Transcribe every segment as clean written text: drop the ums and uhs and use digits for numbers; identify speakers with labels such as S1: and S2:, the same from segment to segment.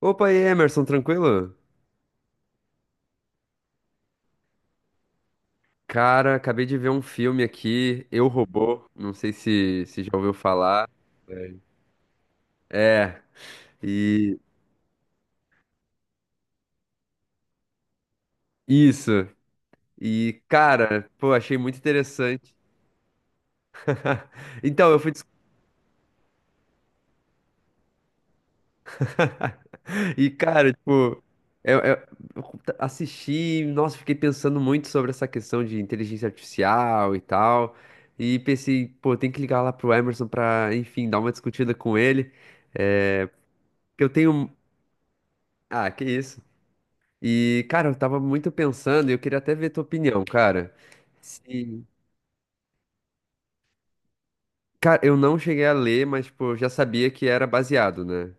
S1: Opa, e aí, Emerson, tranquilo? Cara, acabei de ver um filme aqui, Eu, Robô, não sei se já ouviu falar. É, é, e isso. E, cara, pô, achei muito interessante. Então, eu fui. E, cara, tipo, eu, eu- eu assisti, nossa, fiquei pensando muito sobre essa questão de inteligência artificial e tal. E pensei, pô, tem que ligar lá pro Emerson pra, enfim, dar uma discutida com ele. É, porque eu tenho. Ah, que isso. E, cara, eu tava muito pensando e eu queria até ver tua opinião, cara. Se... Cara, eu não cheguei a ler, mas, tipo, eu já sabia que era baseado, né?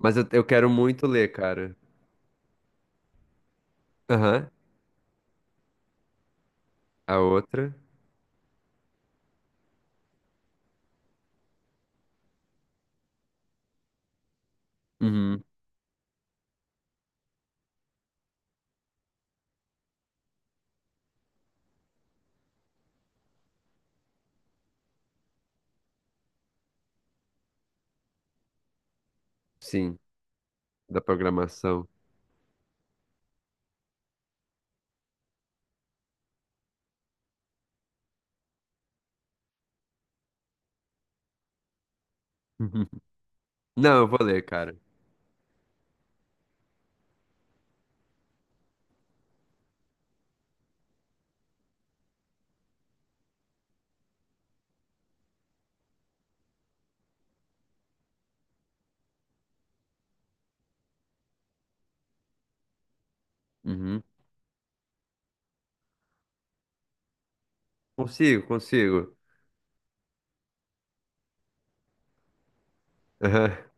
S1: Mas eu quero muito ler, cara. Aham. A outra. Uhum. Sim, da programação. Não, eu vou ler, cara. Uhum. Consigo, consigo.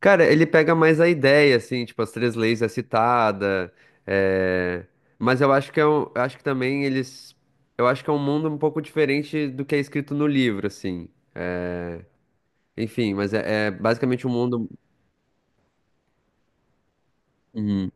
S1: Cara, ele pega mais a ideia, assim, tipo, as três leis é citada, é, mas eu acho que é um, eu acho que também eles, eu acho que é um mundo um pouco diferente do que é escrito no livro, assim. Enfim, mas é basicamente um mundo. Uhum.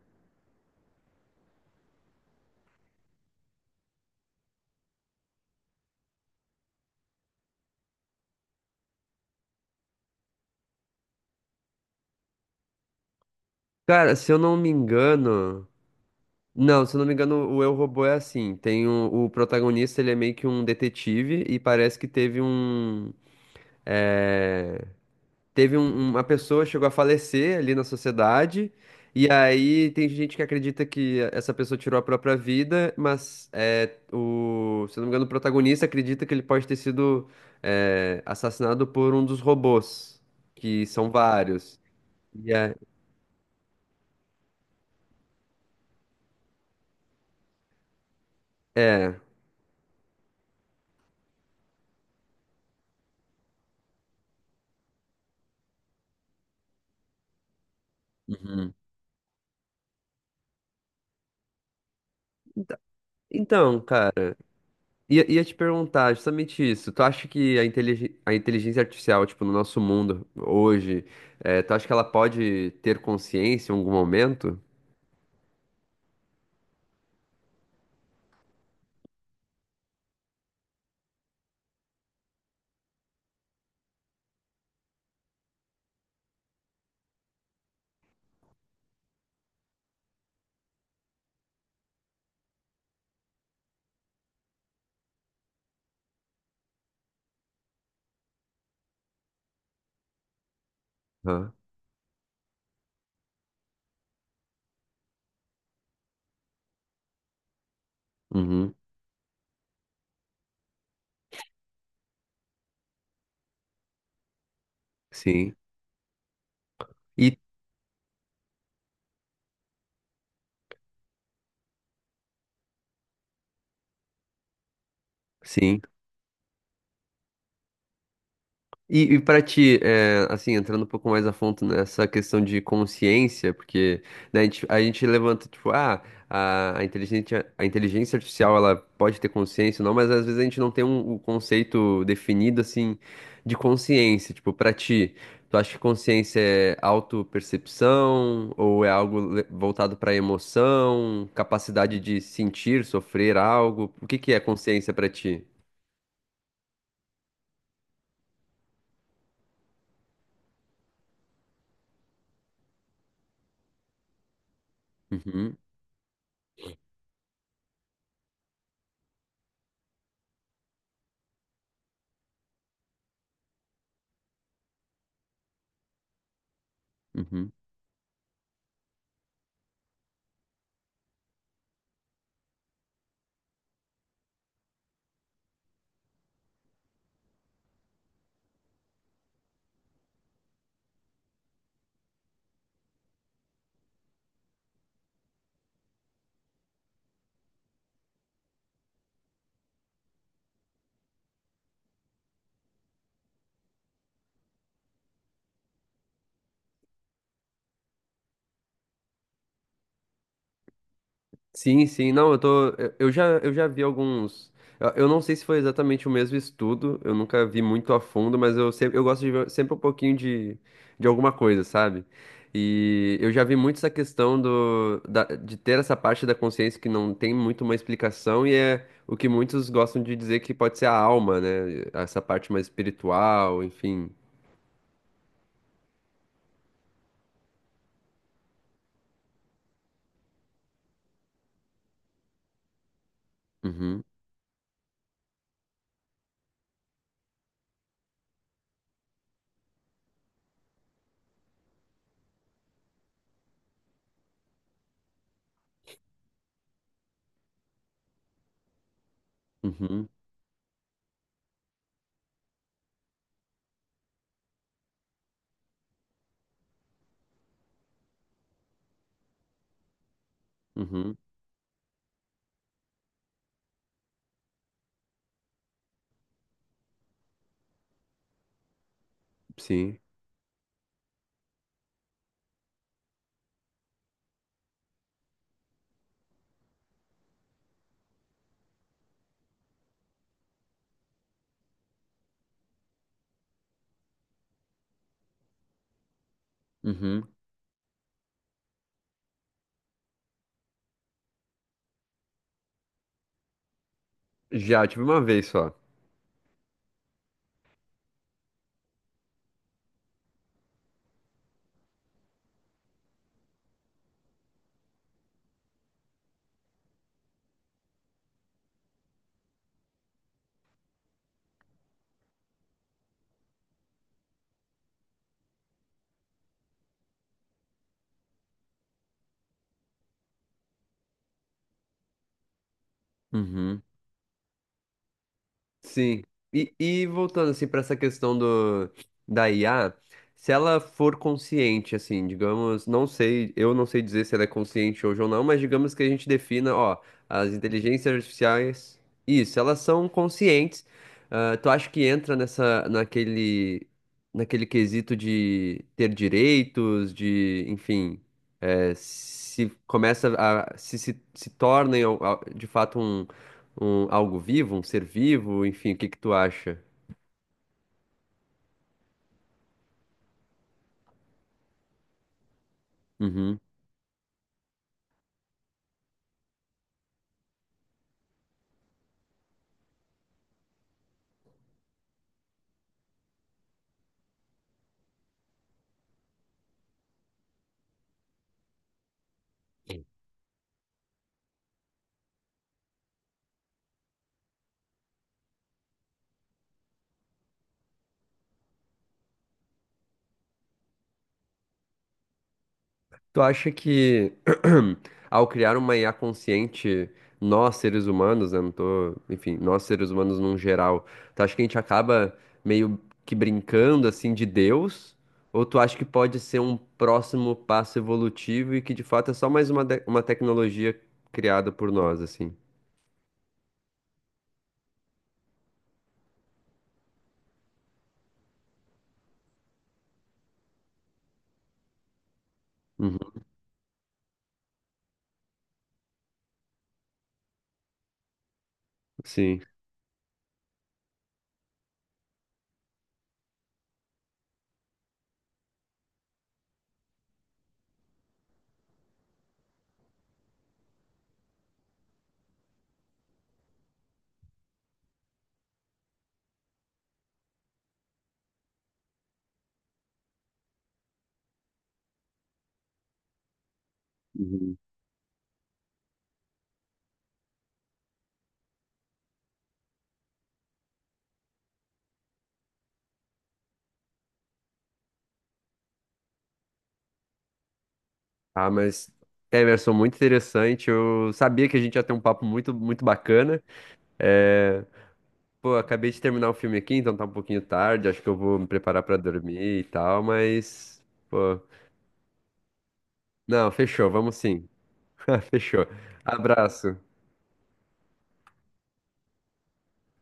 S1: Cara, se eu não me engano, não, se eu não me engano, o Eu Robô é assim. Tem o protagonista, ele é meio que um detetive e parece que teve um, eh, teve um, uma pessoa chegou a falecer ali na sociedade, e aí tem gente que acredita que essa pessoa tirou a própria vida, mas se eu não me engano, o protagonista acredita que ele pode ter sido assassinado por um dos robôs, que são vários. E é, é. Uhum. Enta- Então, cara, ia te perguntar justamente isso. Tu acha que a inteligência artificial, tipo, no nosso mundo hoje, tu acha que ela pode ter consciência em algum momento? Aham, uhum. Sim. E sim. E para ti, é, assim, entrando um pouco mais a fundo nessa questão de consciência, porque né, a gente levanta, tipo, ah, a inteligência artificial, ela pode ter consciência ou não, mas às vezes a gente não tem um conceito definido, assim, de consciência. Tipo, para ti, tu acha que consciência é autopercepção ou é algo voltado para emoção, capacidade de sentir, sofrer algo? O que que é consciência para ti? Uhum, uhum. Sim, sim, não, eu tô, eu já vi alguns, eu não sei se foi exatamente o mesmo estudo, eu nunca vi muito a fundo, mas eu sempre, eu gosto de ver sempre um pouquinho de alguma coisa, sabe? E eu já vi muito essa questão de ter essa parte da consciência que não tem muito uma explicação e é o que muitos gostam de dizer que pode ser a alma, né? Essa parte mais espiritual, enfim. Uhum, uhum, uhum, sim, uhum. Já tive uma vez só. Uhum. Sim. E voltando assim para essa questão do da IA, se ela for consciente, assim, digamos, não sei, eu não sei dizer se ela é consciente hoje ou não, mas digamos que a gente defina, ó, as inteligências artificiais, isso, elas são conscientes. Ah, tu acha que entra nessa, naquele, naquele quesito de ter direitos, de, enfim, se começa a, se tornem de fato um, um, algo vivo, um ser vivo, enfim, o que que tu acha? Uhum. Tu acha que ao criar uma IA consciente, nós seres humanos, né, não tô, enfim, nós seres humanos num geral, tu acha que a gente acaba meio que brincando assim de Deus? Ou tu acha que pode ser um próximo passo evolutivo e que de fato é só mais uma, uma tecnologia criada por nós, assim? Uhum. Sim. Ah, mas Emerson, muito interessante. Eu sabia que a gente ia ter um papo muito, muito bacana. É, pô, acabei de terminar o filme aqui, então tá um pouquinho tarde. Acho que eu vou me preparar pra dormir e tal, mas. Pô. Não, fechou, vamos sim. Fechou. Abraço.